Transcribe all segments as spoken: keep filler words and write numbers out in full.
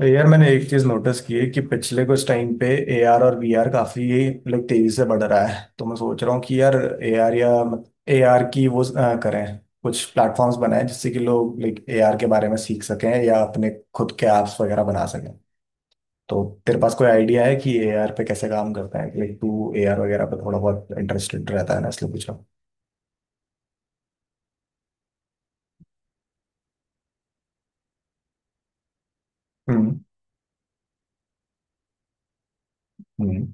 तो यार मैंने एक चीज नोटिस की है कि पिछले कुछ टाइम पे ए आर और वी आर काफी लाइक तेजी से बढ़ रहा है। तो मैं सोच रहा हूँ कि यार ए आर या ए आर की वो अ, करें, कुछ प्लेटफॉर्म्स बनाएं जिससे कि लोग लाइक ए आर के बारे में सीख सकें या अपने खुद के ऐप्स वगैरह बना सकें। तो तेरे पास कोई आइडिया है कि ए आर पे कैसे काम करता है? लाइक तू ए आर वगैरह पे थोड़ा बहुत इंटरेस्टेड रहता है ना, इसलिए पूछ रहा हूँ। हम्म। हम्म।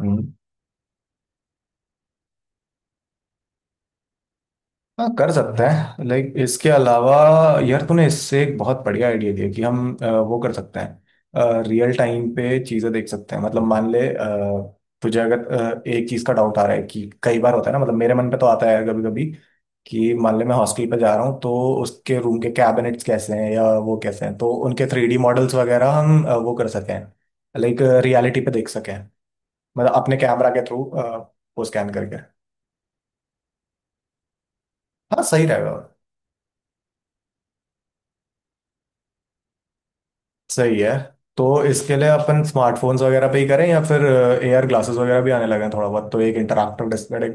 हम्म। हाँ कर सकते हैं, लाइक इसके अलावा यार तूने इससे एक बहुत बढ़िया आइडिया दिया कि हम अ, वो कर सकते हैं, रियल टाइम पे चीज़ें देख सकते हैं। मतलब मान ले अ, तुझे अगर अ, एक चीज़ का डाउट आ रहा है, कि कई बार होता है ना, मतलब मेरे मन पे तो आता है कभी कभी कि मान ले मैं हॉस्टल पे जा रहा हूँ, तो उसके रूम के कैबिनेट्स कैसे हैं या वो कैसे हैं, तो उनके थ्री डी मॉडल्स वगैरह हम अ, वो कर सकें, लाइक रियलिटी पे देख सकें, मतलब अपने कैमरा के थ्रू वो स्कैन करके। हाँ सही रहेगा। सही है। तो इसके लिए अपन स्मार्टफोन्स वगैरह पे ही करें या फिर ए आर ग्लासेस वगैरह भी आने लगे हैं थोड़ा बहुत, तो एक इंटरैक्टिव डिस्प्ले।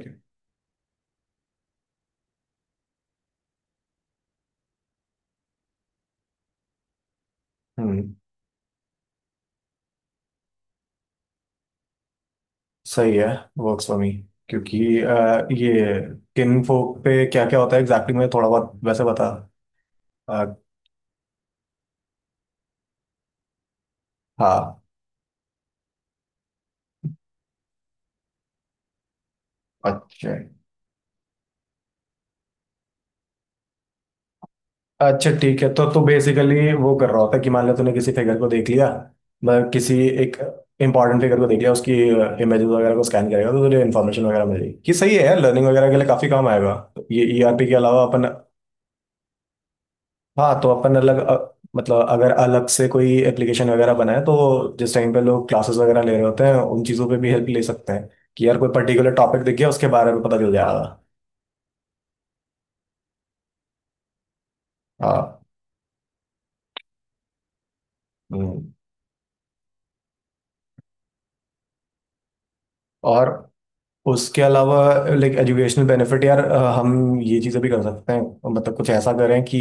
हम्म। सही है। वर्क्स फॉर मी, क्योंकि अ, ये किन फोक पे क्या क्या होता है एग्जैक्टली exactly मैं थोड़ा बहुत वैसे बता अ, हाँ। अच्छा। अच्छा ठीक है, तो तू बेसिकली वो कर रहा होता है कि मान लिया तूने किसी फिगर को देख लिया, मतलब किसी एक इंपॉर्टेंट फिगर को देख लिया, उसकी इमेजेस वगैरह को स्कैन करेगा तो तुझे इन्फॉर्मेशन वगैरह मिलेगी। कि सही है यार, लर्निंग वगैरह के लिए काफी काम आएगा। तो ये ई आर पी के अलावा अपन हाँ, तो अपन अलग अ, मतलब अगर अलग से कोई एप्लीकेशन वगैरह बनाए तो जिस टाइम पे लोग क्लासेस वगैरह ले रहे होते हैं उन चीज़ों पे भी हेल्प ले सकते हैं कि यार कोई पर्टिकुलर टॉपिक दिख गया उसके बारे में पता चल जाएगा। हाँ। हम्म। और उसके अलावा लाइक एजुकेशनल बेनिफिट, यार अ, हम ये चीज़ें भी कर सकते हैं, मतलब कुछ ऐसा करें कि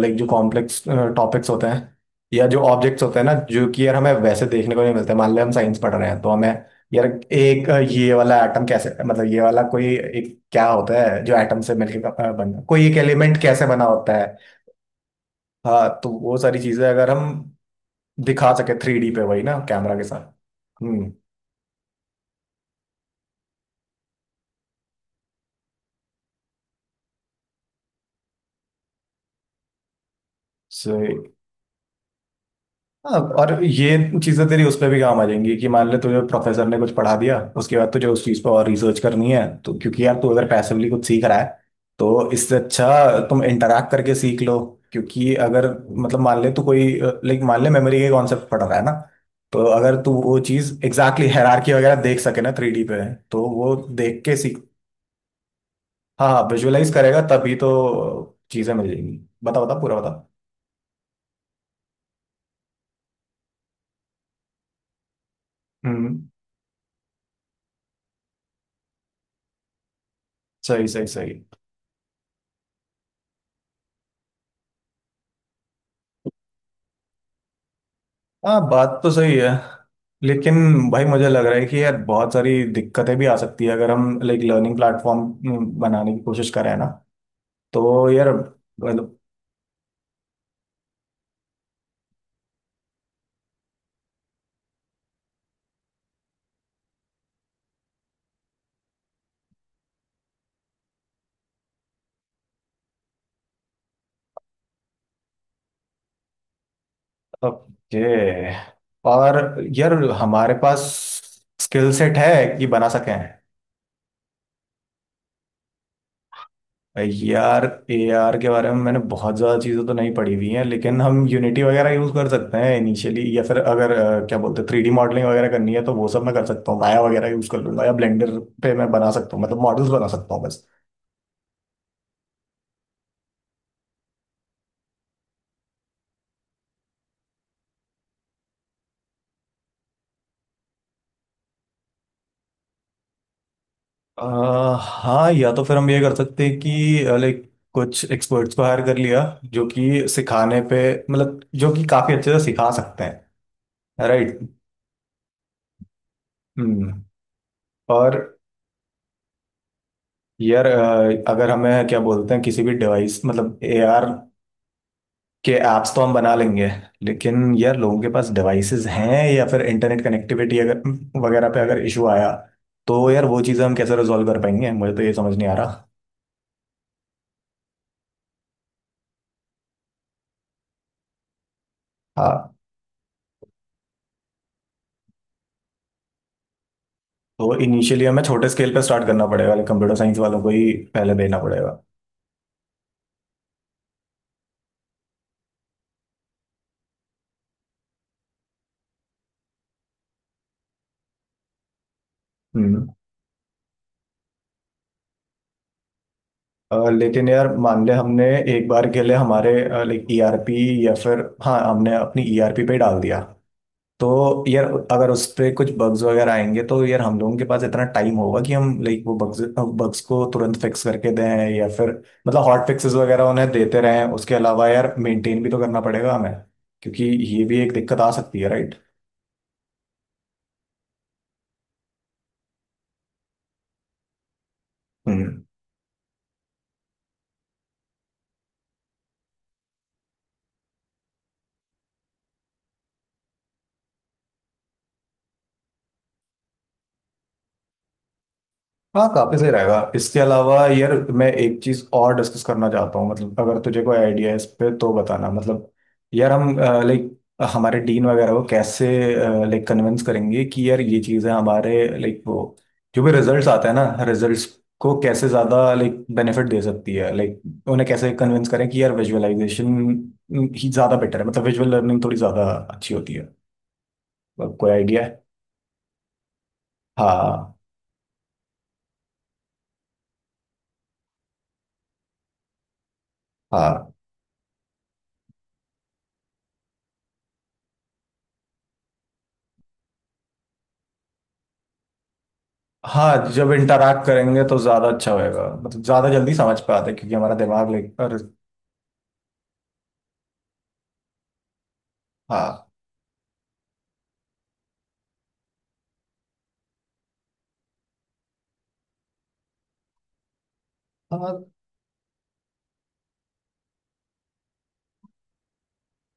लाइक जो कॉम्प्लेक्स टॉपिक्स होते हैं या जो ऑब्जेक्ट्स होते हैं ना, जो कि यार हमें वैसे देखने को नहीं मिलते, मान लें हम साइंस पढ़ रहे हैं तो हमें यार एक अ, ये वाला एटम कैसे, मतलब ये वाला कोई एक क्या होता है जो एटम से मिलके अ, बना, कोई एक एलिमेंट कैसे बना होता है। हाँ, तो वो सारी चीज़ें अगर हम दिखा सके थ्री डी पे, वही ना कैमरा के साथ। हम्म। So, हाँ। और ये चीजें तेरी उस पर भी काम आ जाएंगी कि मान ले तुझे प्रोफेसर ने कुछ पढ़ा दिया, उसके बाद तुझे उस चीज पर और रिसर्च करनी है, तो क्योंकि यार तू अगर पैसिवली कुछ सीख रहा है तो इससे अच्छा तुम इंटरैक्ट करके सीख लो। क्योंकि अगर मतलब मान ले तू कोई लाइक मान ले मेमोरी के कॉन्सेप्ट पढ़ रहा है ना, तो अगर तू वो चीज एग्जैक्टली हायरार्की वगैरह देख सके ना थ्री डी पे, तो वो देख के सीख। हाँ हाँ विजुअलाइज करेगा तभी तो चीजें मिल जाएंगी। बता बता पूरा बता। हम्म। सही सही सही। हाँ बात तो सही है, लेकिन भाई मुझे लग रहा है कि यार बहुत सारी दिक्कतें भी आ सकती है अगर हम लाइक लर्निंग प्लेटफॉर्म बनाने की कोशिश करें ना, तो यार मतलब ओके। और यार हमारे पास स्किल सेट है कि बना सकें? यार एआर के बारे में मैंने बहुत ज़्यादा चीज़ें तो नहीं पढ़ी हुई हैं, लेकिन हम यूनिटी वगैरह यूज़ कर सकते हैं इनिशियली, या फिर अगर अ, क्या बोलते हैं थ्री डी मॉडलिंग वगैरह करनी है तो वो सब मैं कर सकता हूँ, माया वगैरह यूज़ कर लूंगा या ब्लेंडर पे मैं बना सकता हूँ, मतलब मॉडल्स बना सकता हूँ बस। अ, हाँ या तो फिर हम ये कर सकते हैं कि लाइक कुछ एक्सपर्ट्स को हायर कर लिया जो कि सिखाने पे मतलब जो कि काफ़ी अच्छे से सिखा सकते हैं। राइट। हम्म। और यार अ, अगर हमें क्या बोलते हैं किसी भी डिवाइस मतलब ए आर कि ऐप्स तो हम बना लेंगे, लेकिन यार लोगों के पास डिवाइसेस हैं या फिर इंटरनेट कनेक्टिविटी अगर वगैरह पे अगर इशू आया तो यार वो चीज़ें हम कैसे रिजॉल्व कर पाएंगे, मुझे तो ये समझ नहीं आ रहा। हाँ, तो इनिशियली हमें छोटे स्केल पे स्टार्ट करना पड़ेगा, कंप्यूटर साइंस वालों को ही पहले देना पड़ेगा। हम्म। अ, लेकिन यार मान ले हमने एक बार के लिए हमारे लाइक ई आर पी या फिर, हाँ हमने अपनी ई आर पी पे ही डाल दिया, तो यार अगर उस पे कुछ बग्स वगैरह आएंगे तो यार हम लोगों के पास इतना टाइम होगा कि हम लाइक वो बग्स बग्स को तुरंत फिक्स करके दें, या फिर मतलब हॉट फिक्सेस वगैरह उन्हें देते रहें? उसके अलावा यार मेंटेन भी तो करना पड़ेगा हमें, क्योंकि ये भी एक दिक्कत आ सकती है, राइट। हम्म। हाँ काफी सही रहेगा। इसके अलावा यार मैं एक चीज और डिस्कस करना चाहता हूँ, मतलब अगर तुझे कोई आइडिया है इस पे तो बताना। मतलब यार हम लाइक हमारे डीन वगैरह को कैसे लाइक कन्विंस करेंगे कि यार ये चीजें हमारे लाइक वो जो भी रिजल्ट्स आते हैं ना, रिजल्ट्स को कैसे ज्यादा लाइक बेनिफिट दे सकती है, लाइक उन्हें कैसे कन्विंस करें कि यार विजुअलाइजेशन ही ज्यादा बेटर है, मतलब विजुअल लर्निंग थोड़ी ज्यादा अच्छी होती है। मतलब कोई आइडिया है? हाँ। हाँ। हाँ जब इंटरैक्ट करेंगे तो ज्यादा अच्छा होएगा, मतलब ज्यादा जल्दी समझ पाते हैं, क्योंकि हमारा दिमाग लेकर। हाँ। हाँ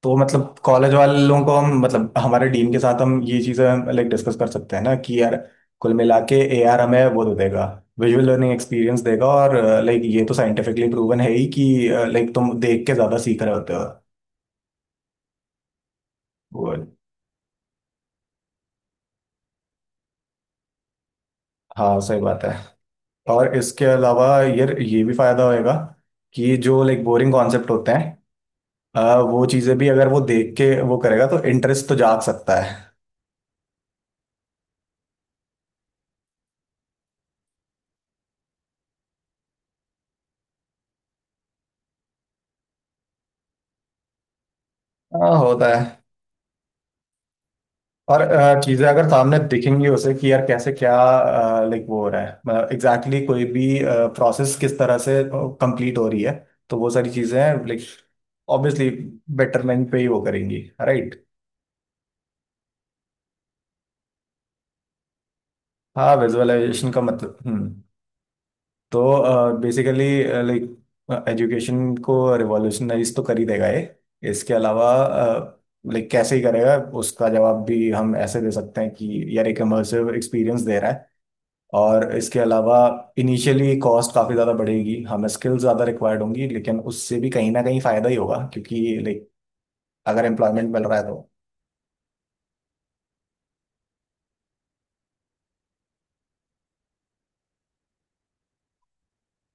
तो मतलब कॉलेज वालों को हम मतलब हमारे डीन के साथ हम ये चीजें लाइक डिस्कस कर सकते हैं ना कि यार कुल मिला के ए आर हमें वो दे देगा, विजुअल लर्निंग एक्सपीरियंस देगा, और लाइक ये तो साइंटिफिकली प्रूवन है ही कि लाइक तुम देख के ज्यादा सीख रहे होते हो। वो हाँ सही बात है। और इसके अलावा यार ये भी फायदा होएगा कि जो लाइक बोरिंग कॉन्सेप्ट होते हैं आ, वो चीजें भी अगर वो देख के वो करेगा तो इंटरेस्ट तो जाग सकता है। हाँ होता है। और अ, चीजें अगर सामने दिखेंगी उसे कि यार कैसे क्या लाइक वो हो रहा है, मतलब एग्जैक्टली exactly कोई भी प्रोसेस किस तरह से कंप्लीट हो रही है, तो वो सारी चीजें लाइक ऑब्वियसली बेटरमेंट पे ही वो करेंगी, राइट। हाँ विजुअलाइजेशन का मतलब हम्म। तो बेसिकली लाइक एजुकेशन को रिवॉल्यूशनाइज तो कर ही देगा ये। इसके अलावा लाइक कैसे ही करेगा उसका जवाब भी हम ऐसे दे सकते हैं कि यार एक इमर्सिव एक्सपीरियंस दे रहा है, और इसके अलावा इनिशियली कॉस्ट काफ़ी ज़्यादा बढ़ेगी, हमें स्किल्स ज़्यादा रिक्वायर्ड होंगी, लेकिन उससे भी कहीं ना कहीं फ़ायदा ही होगा क्योंकि लाइक अगर एम्प्लॉयमेंट मिल रहा है तो।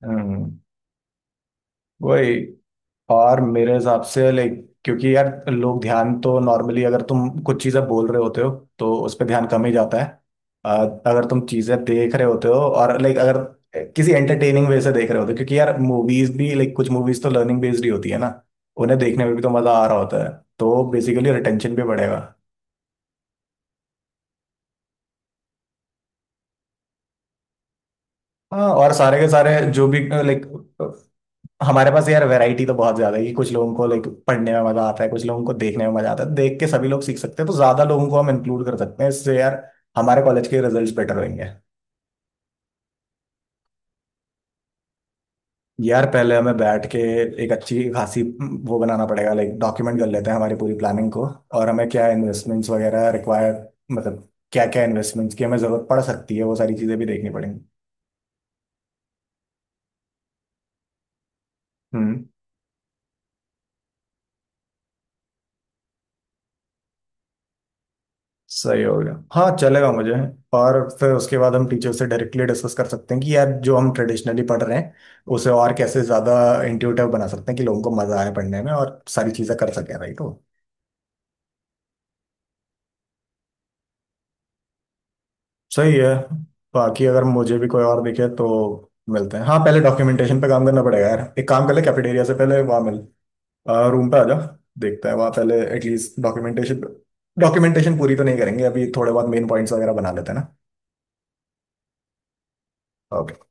हम्म। वही और मेरे हिसाब से लाइक, क्योंकि यार लोग ध्यान तो नॉर्मली अगर तुम कुछ चीज़ें बोल रहे होते हो तो उस पर ध्यान कम ही जाता है। अ, अगर तुम चीज़ें देख रहे होते हो और लाइक अगर किसी एंटरटेनिंग वे से देख रहे होते हो, क्योंकि यार मूवीज भी लाइक कुछ मूवीज तो लर्निंग बेस्ड ही होती है ना, उन्हें देखने में भी तो मज़ा आ रहा होता है। तो बेसिकली रिटेंशन भी बढ़ेगा। हाँ और सारे के सारे जो भी लाइक हमारे पास यार वैरायटी तो बहुत ज्यादा है, कि कुछ लोगों को लाइक पढ़ने में मजा आता है, कुछ लोगों को देखने में मजा आता है, देख के सभी लोग सीख सकते हैं, तो ज्यादा लोगों को हम इंक्लूड कर सकते हैं इससे यार, हमारे कॉलेज के रिजल्ट्स बेटर होंगे। यार पहले हमें बैठ के एक अच्छी खासी वो बनाना पड़ेगा, लाइक डॉक्यूमेंट कर लेते हैं हमारी पूरी प्लानिंग को, और हमें क्या इन्वेस्टमेंट्स वगैरह रिक्वायर, मतलब क्या क्या इन्वेस्टमेंट्स की हमें जरूरत पड़ सकती है वो सारी चीजें भी देखनी पड़ेंगी। हम्म। सही होगा हाँ, चलेगा मुझे। और फिर उसके बाद हम टीचर से डायरेक्टली डिस्कस कर सकते हैं कि यार जो हम ट्रेडिशनली पढ़ रहे हैं उसे और कैसे ज़्यादा इंट्यूटिव बना सकते हैं कि लोगों को मज़ा आए पढ़ने में और सारी चीज़ें कर सकें, राइट हो। सही है। बाकी अगर मुझे भी कोई और दिखे तो मिलते हैं हाँ, पहले डॉक्यूमेंटेशन पे काम करना पड़ेगा यार, एक काम कर ले कैफेटेरिया से पहले वहाँ मिल, रूम पे आ जा, देखते हैं वहाँ पहले एटलीस्ट डॉक्यूमेंटेशन, डॉक्यूमेंटेशन पूरी तो नहीं करेंगे अभी, थोड़े बहुत मेन पॉइंट्स वगैरह बना लेते हैं ना। ओके।